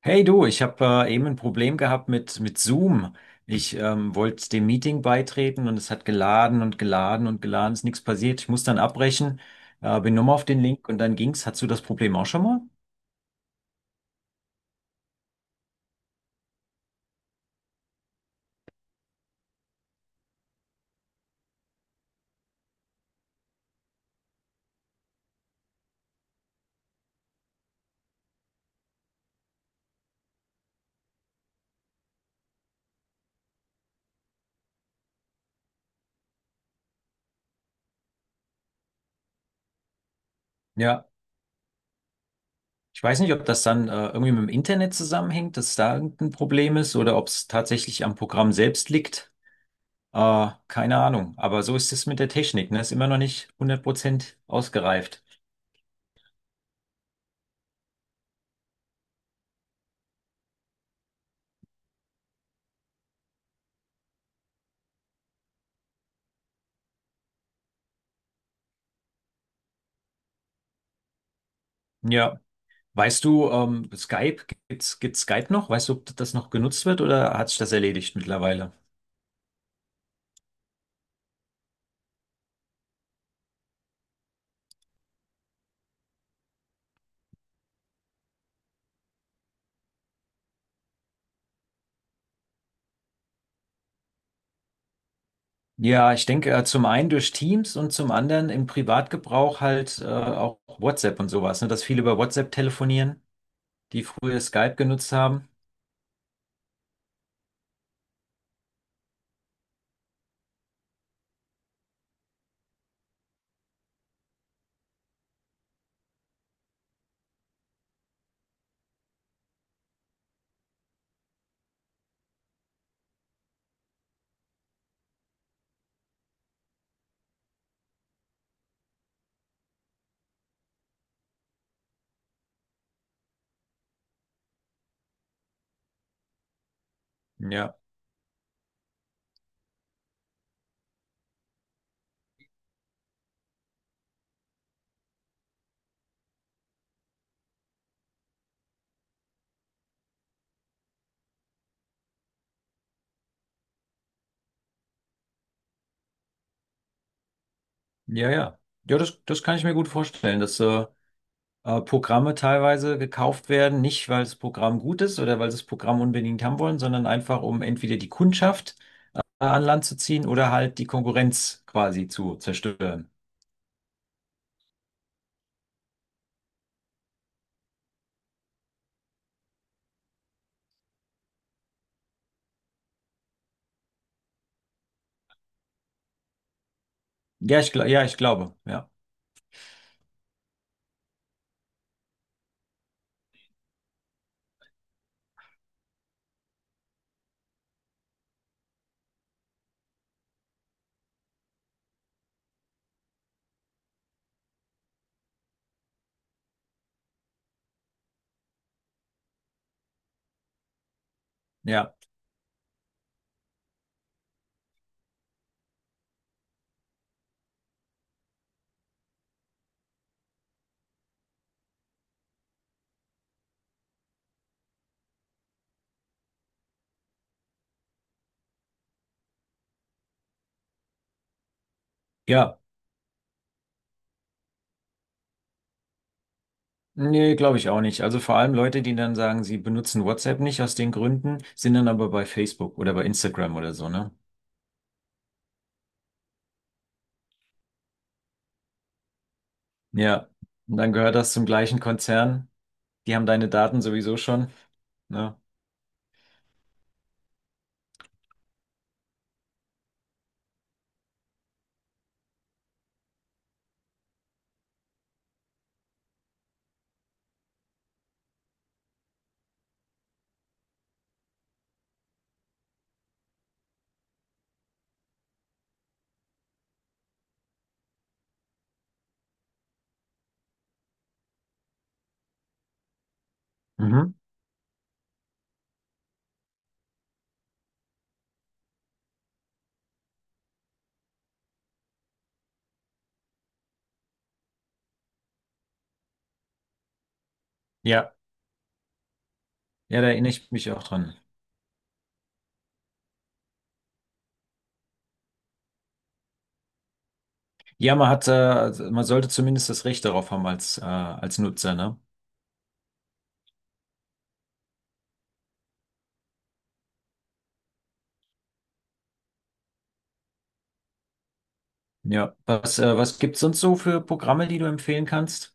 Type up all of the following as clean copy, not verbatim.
Hey du, ich habe eben ein Problem gehabt mit Zoom. Ich wollte dem Meeting beitreten und es hat geladen und geladen und geladen, ist nichts passiert. Ich muss dann abbrechen, bin nochmal auf den Link und dann ging's. Hattest du das Problem auch schon mal? Ja. Ich weiß nicht, ob das dann irgendwie mit dem Internet zusammenhängt, dass da irgendein Problem ist oder ob es tatsächlich am Programm selbst liegt. Keine Ahnung. Aber so ist es mit der Technik, ne? Ist immer noch nicht hundert Prozent ausgereift. Ja. Weißt du, Skype, gibt's Skype noch? Weißt du, ob das noch genutzt wird oder hat sich das erledigt mittlerweile? Ja, ich denke, zum einen durch Teams und zum anderen im Privatgebrauch halt auch WhatsApp und sowas, ne? Dass viele über WhatsApp telefonieren, die früher Skype genutzt haben. Ja, ja, ja. Ja, das kann ich mir gut vorstellen, dass Programme teilweise gekauft werden, nicht weil das Programm gut ist oder weil sie das Programm unbedingt haben wollen, sondern einfach um entweder die Kundschaft an Land zu ziehen oder halt die Konkurrenz quasi zu zerstören. Ja, ja, ich glaube, ja, ja, ja. Nee, glaube ich auch nicht. Also vor allem Leute, die dann sagen, sie benutzen WhatsApp nicht aus den Gründen, sind dann aber bei Facebook oder bei Instagram oder so, ne? Ja. Und dann gehört das zum gleichen Konzern. Die haben deine Daten sowieso schon, ne? Mhm. Ja, ja, da erinnere ich mich auch dran. Ja, man hat, also man sollte zumindest das Recht darauf haben als, als Nutzer, ne? Ja. Was, was gibt's sonst so für Programme, die du empfehlen kannst?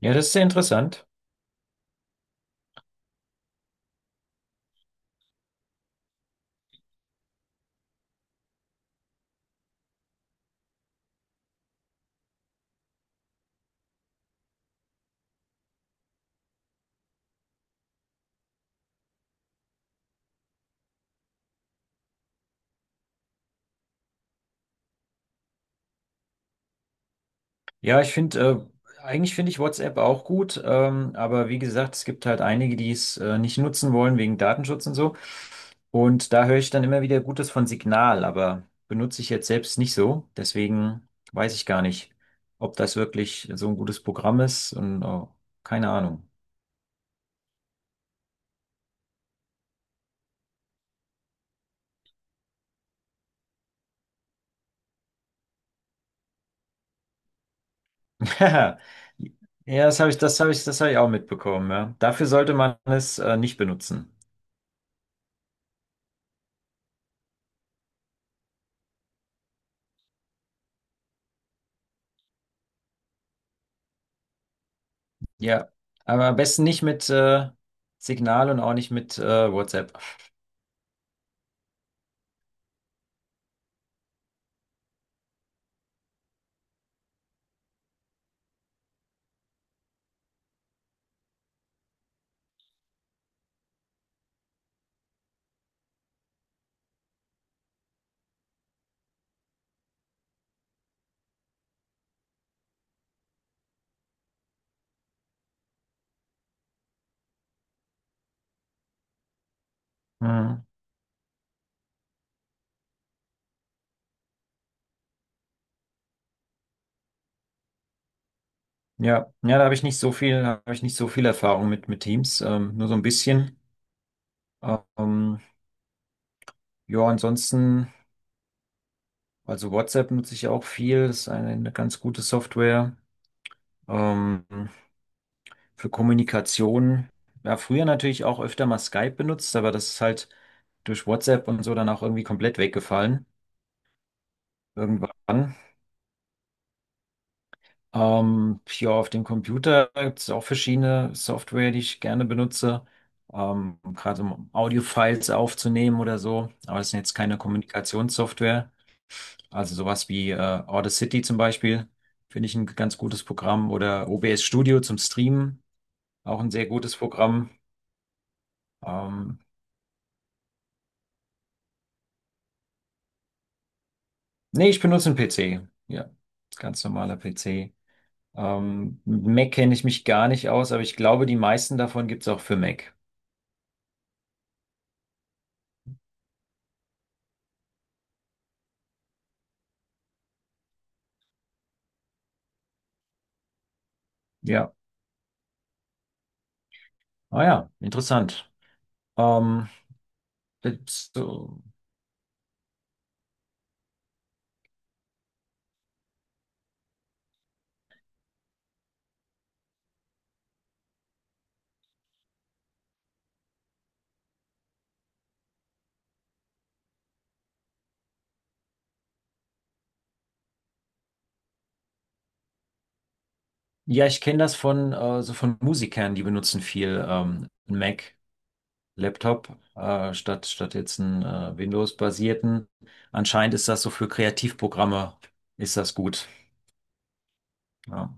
Ja, das ist sehr interessant. Ja, ich finde, eigentlich finde ich WhatsApp auch gut, aber wie gesagt, es gibt halt einige, die es nicht nutzen wollen wegen Datenschutz und so. Und da höre ich dann immer wieder Gutes von Signal, aber benutze ich jetzt selbst nicht so. Deswegen weiß ich gar nicht, ob das wirklich so ein gutes Programm ist und oh, keine Ahnung. Ja, das habe ich auch mitbekommen, ja. Dafür sollte man es nicht benutzen. Ja, aber am besten nicht mit Signal und auch nicht mit WhatsApp. Mhm. Ja, ja, da habe ich nicht so viel Erfahrung mit Teams, nur so ein bisschen. Ähm, ja, ansonsten, also WhatsApp nutze ich auch viel, das ist eine ganz gute Software ähm, für Kommunikation. Ja, früher natürlich auch öfter mal Skype benutzt, aber das ist halt durch WhatsApp und so dann auch irgendwie komplett weggefallen irgendwann. Ja, auf dem Computer gibt es auch verschiedene Software, die ich gerne benutze, gerade um Audio-Files aufzunehmen oder so. Aber das sind jetzt keine Kommunikationssoftware. Also sowas wie Audacity zum Beispiel finde ich ein ganz gutes Programm oder OBS Studio zum Streamen, auch ein sehr gutes Programm. Ähm, Nee, ich benutze einen PC. Ja, ganz normaler PC. Mit Mac kenne ich mich gar nicht aus, aber ich glaube, die meisten davon gibt es auch für Mac. Ja. Ah ja, interessant. Ähm, jetzt, so, ja, ich kenne das von so von Musikern, die benutzen viel einen Mac, Laptop, statt jetzt einen Windows-basierten. Anscheinend ist das so für Kreativprogramme ist das gut. Ja.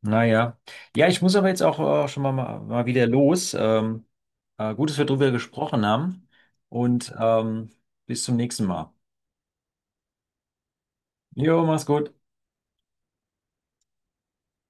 Naja, ja, Ja, ich muss aber jetzt auch schon mal wieder los. Gut, dass wir drüber gesprochen haben und bis zum nächsten Mal. Jo, mach's gut.